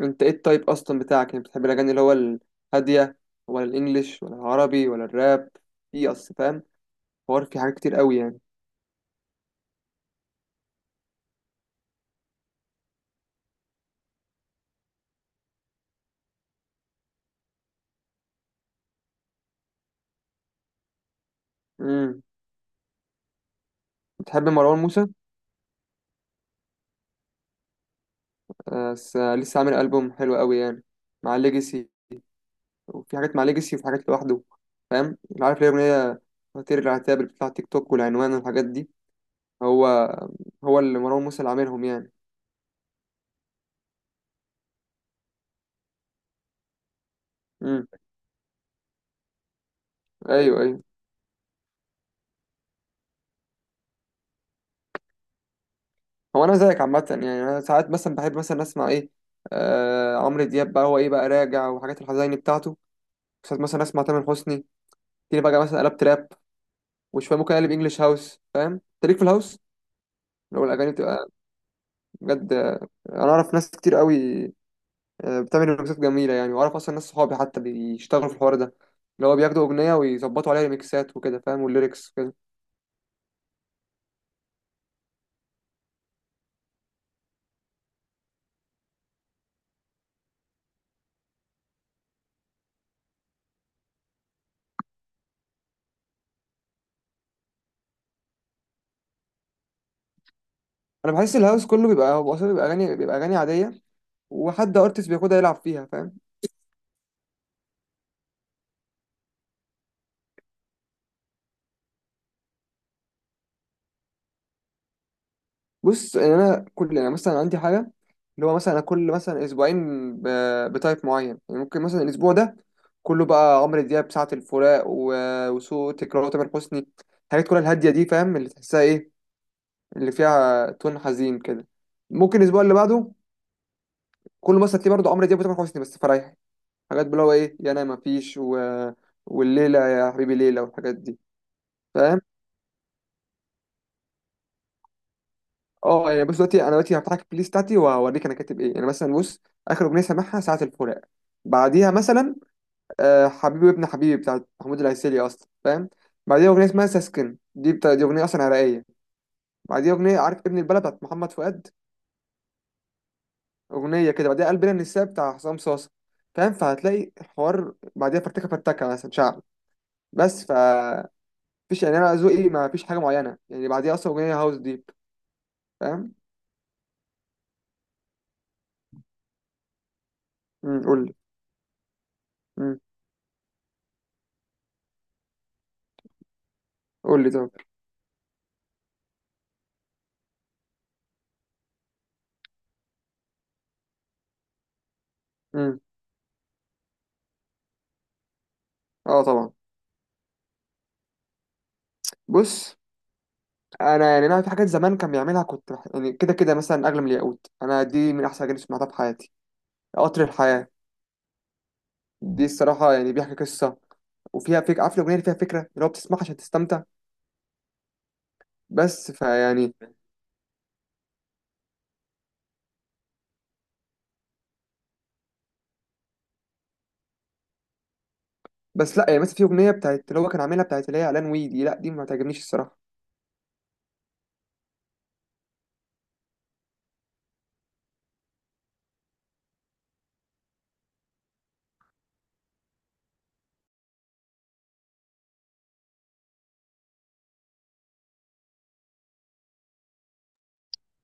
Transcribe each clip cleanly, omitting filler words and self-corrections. انت ايه التايب اصلا بتاعك؟ يعني بتحب الاغاني اللي هو الهاديه ولا الانجليش ولا العربي ولا الراب؟ في اصل فاهم حوار في حاجات كتير قوي يعني. امم، بتحب مروان موسى؟ آه، لسه عامل البوم حلو قوي يعني مع ليجاسي، وفي حاجات مع ليجاسي وفي حاجات لوحده. فاهم؟ عارف ليه اغنيه فطير العتاب اللي بتطلع تيك توك والعنوان والحاجات دي؟ هو هو اللي مروان موسى اللي عاملهم يعني. امم، ايوه ايوه. هو انا زيك عامه، يعني انا ساعات مثلا بحب مثلا اسمع ايه؟ آه، عمرو دياب بقى، هو ايه بقى راجع وحاجات الحزيني بتاعته. ساعات مثلا اسمع تامر حسني، تيجي بقى مثلا قلب تراب. وشويه ممكن اقلب انجلش هاوس. فاهم انت ليك في الهاوس؟ لو الاغاني بتبقى بجد، انا اعرف ناس كتير قوي، بتعمل ريمكسات جميله يعني. واعرف اصلا ناس صحابي حتى بيشتغلوا في الحوار ده، اللي هو بياخدوا اغنيه ويظبطوا عليها ريمكسات وكده، فاهم؟ والليركس وكده. انا بحس الهاوس كله بيبقى هو اصلا بيبقى اغاني، بيبقى اغاني عاديه، وحد ارتست بياخدها يلعب فيها، فاهم؟ بص يعني انا كل يعني مثلا عندي حاجه اللي هو، مثلا انا كل مثلا اسبوعين بتايب معين. يعني ممكن مثلا الاسبوع ده كله بقى عمرو دياب، ساعة الفراق وسوء، تكرار تامر حسني، الحاجات كلها الهاديه دي، فاهم؟ اللي تحسها ايه اللي فيها تون حزين كده. ممكن الاسبوع اللي بعده كله مثلا تلاقيه برضه عمرو دياب وتامر حسني، بس فرايح. حاجات اللي هو ايه، يا انا مفيش والليله يا حبيبي ليله والحاجات دي. فاهم؟ اه يعني بص دلوقتي، انا دلوقتي هفتح لك البلاي ليست بتاعتي واوريك انا كاتب ايه يعني. مثلا بص، اخر اغنيه سامعها ساعه الفراق. بعديها مثلا، حبيبي ابن حبيبي بتاعت محمود العسيلي اصلا، فاهم؟ بعديها اغنيه اسمها ساسكن، دي بتاع، دي اغنيه اصلا عراقيه. بعديها اغنيه عارف ابن البلد بتاعت محمد فؤاد، اغنيه كده. بعديها قلبنا النساء بتاع حسام صاصا، فاهم؟ فهتلاقي الحوار بعديها فرتكه فرتكه، مثلا شعب. بس ف فيش، يعني انا ذوقي ما فيش حاجه معينه يعني. بعديها اصلا اغنيه هاوس ديب، فاهم؟ قول لي. امم، قول لي طب. امم، اه طبعا. بص انا يعني، انا في حاجات زمان كان بيعملها كنت يعني كده كده مثلا اغلى من الياقوت، انا دي من احسن اغاني سمعتها في حياتي. قطر الحياه، دي الصراحه يعني بيحكي قصه وفيها فكره. عارف الاغنيه اللي فيها فكره اللي هو بتسمعها عشان تستمتع؟ بس فيعني بس لا يعني مثلا في اغنيه بتاعت اللي هو كان عاملها، بتاعت اللي هي اعلان ويدي، لا دي ما تعجبنيش الصراحه.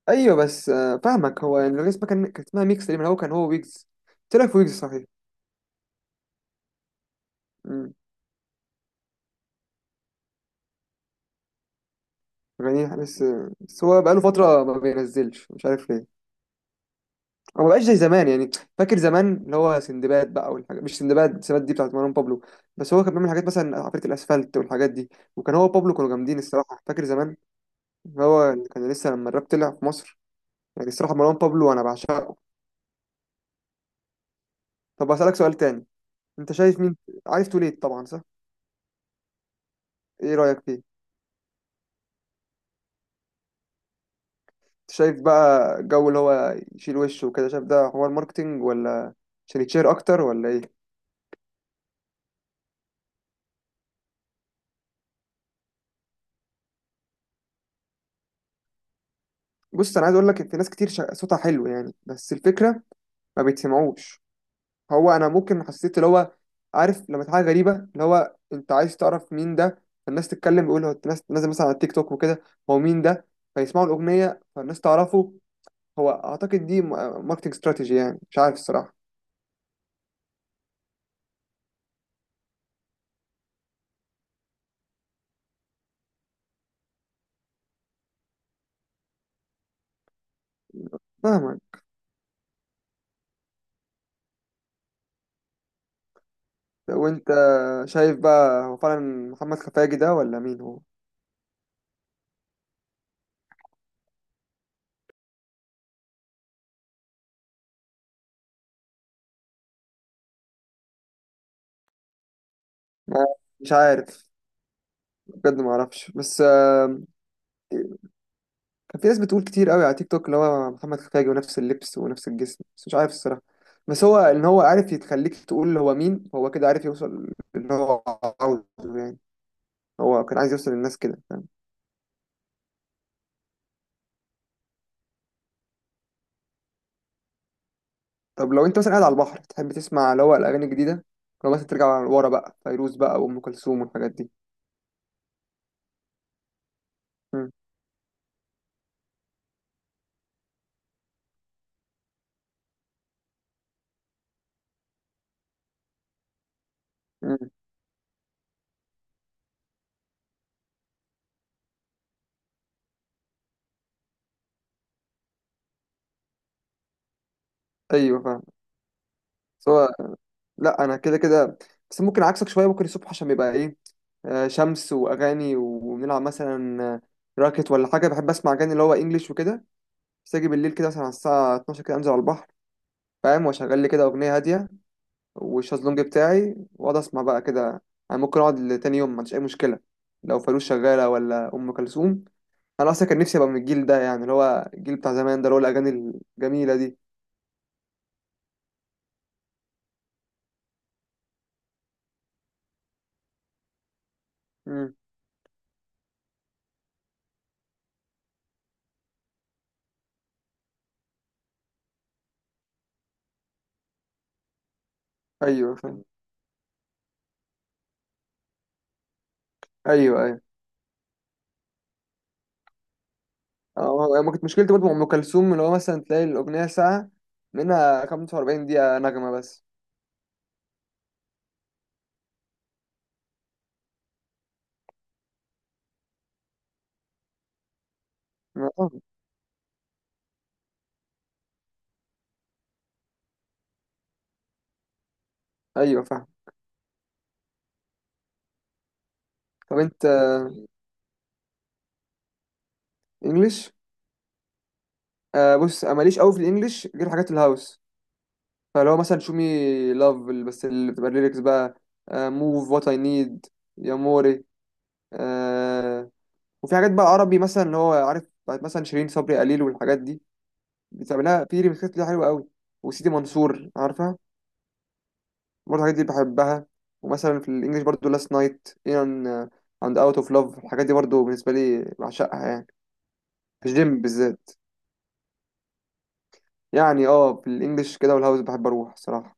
ايوه بس فاهمك. هو يعني الاغنيه اسمها كان، كانت اسمها ميكس، اللي هو كان هو ويجز. طلع في ويجز صحيح. أمم، غنيها بس. بس هو بقاله فتره ما بينزلش، مش عارف ليه. انا ما بقاش زي زمان يعني. فاكر زمان اللي هو سندباد بقى والحاجات، مش سندباد، سندباد دي بتاعت مروان بابلو. بس هو كان بيعمل حاجات مثلا عفريت الاسفلت والحاجات دي. وكان هو بابلو كانوا جامدين الصراحه، فاكر زمان. هو اللي كان لسه لما الراب طلع في مصر يعني. الصراحه مروان بابلو انا بعشقه. طب اسالك سؤال تاني. انت شايف مين؟ عارف توليت طبعا، صح؟ ايه رايك فيه؟ انت شايف بقى الجو اللي هو يشيل وشه وكده، شايف ده حوار ماركتينج ولا عشان يتشير اكتر ولا ايه؟ بص انا عايز اقول لك في ناس كتير صوتها حلو يعني، بس الفكره ما بيتسمعوش. هو انا ممكن حسيت اللي هو، عارف لما حاجه غريبه اللي هو انت عايز تعرف مين ده، فالناس تتكلم يقول هو، الناس نازل مثلا على التيك توك وكده، هو مين ده؟ فيسمعوا الاغنيه، فالناس تعرفه. هو اعتقد دي ماركتنج استراتيجي يعني، مش عارف الصراحه. فاهمك. وانت شايف بقى، هو فعلا محمد خفاجي ده ولا مين هو؟ ما- مش عارف بجد، ما اعرفش، بس آه، كان في ناس بتقول كتير قوي على تيك توك اللي هو محمد خفاجي، ونفس اللبس ونفس الجسم، بس مش عارف الصراحة. بس هو ان هو عارف يتخليك تقول هو مين، هو كده عارف يوصل اللي هو عاوزه يعني. هو كان عايز يوصل للناس كده، فاهم؟ طب لو انت مثلا قاعد على البحر، تحب تسمع اللي هو الاغاني الجديدة، لو مثلا ترجع ورا بقى فيروز بقى وام كلثوم والحاجات دي؟ مم. مم. ايوه فاهم. بس هو لا، انا كده كده، بس ممكن عكسك شوية. ممكن الصبح عشان بيبقى ايه، شمس واغاني ونلعب مثلا راكت ولا حاجة، بحب اسمع اغاني اللي هو انجليش وكده. بس اجي بالليل كده مثلا على الساعه 12 كده، انزل على البحر، فاهم؟ واشغل لي كده اغنيه هاديه والشازلونج بتاعي، واقعد اسمع بقى كده. انا ممكن اقعد لتاني يوم ما عنديش اي مشكله، لو فانوس شغاله ولا ام كلثوم. انا اصلا كان نفسي ابقى من الجيل ده يعني، اللي هو الجيل بتاع زمان ده اللي هو الاغاني الجميله دي. امم، ايوه فاهم. ايوه ايوه. اه يعني ما كنت مشكلتي برضه مع ام كلثوم، اللي هو مثلا تلاقي الاغنيه ساعه، منها 45 دقيقه نغمه بس. آه، ايوه فاهم. طب انت انجلش، آه بص أنا ماليش قوي في الانجليش غير حاجات الهاوس. فلو مثلا شو مي لاف، بس اللي بتبقى الليركس بقى، موف وات اي نيد، يا موري، آه. وفي حاجات بقى عربي مثلا، اللي هو عارف بتاعت مثلا شيرين صبري قليل والحاجات دي، بتعملها في ريميكسات ليها حلوه قوي. وسيدي منصور عارفها؟ برضه الحاجات دي بحبها. ومثلا في الانجليش برضه لاست نايت ان، اند اوت اوف لاف، الحاجات دي برضه بالنسبه لي بعشقها يعني، في الجيم بالذات. يعني اه في الانجليش كده والهاوس بحب اروح الصراحه.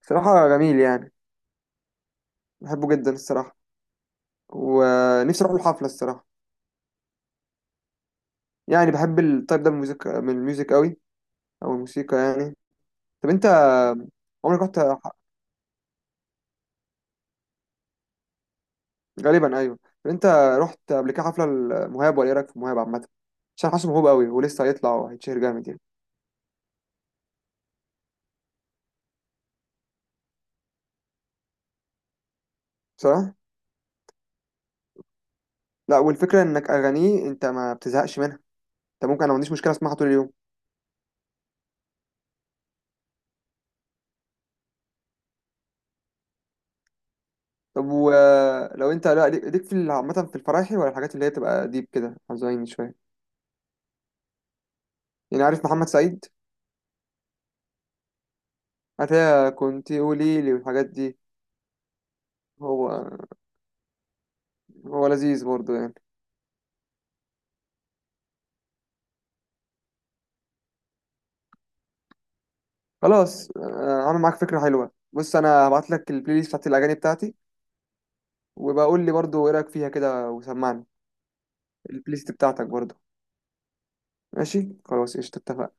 صراحه جميل يعني، بحبه جدا الصراحه. ونفسي اروح الحفله الصراحه. يعني بحب التايب ده من الميوزك، من الميوزك قوي، او الموسيقى يعني. طب انت عمرك رحت غالبا ايوه. طب انت رحت قبل كده حفله المهاب؟ ولا ايه رايك في المهاب عامه؟ عشان حاسه موهوب قوي ولسه هيطلع وهيتشهر جامد يعني. صح. لا والفكره انك اغانيه انت ما بتزهقش منها. انت ممكن، انا ما عنديش مشكله اسمعها طول اليوم. طب ولو انت، لا ليك في عامه في الفرايحي، ولا الحاجات اللي هي تبقى ديب كده حزين شويه؟ يعني عارف محمد سعيد؟ هتلاقي كنت قولي لي والحاجات دي. هو هو لذيذ برضه يعني. خلاص آه، عامل معاك فكرة حلوة. بص أنا هبعت لك البلاي ليست بتاعت الأغاني بتاعتي، وبقول لي برضو إيه رأيك فيها كده وسمعني. البلاي ليست بتاعتك برضو. ماشي خلاص، قشطة اتفقنا.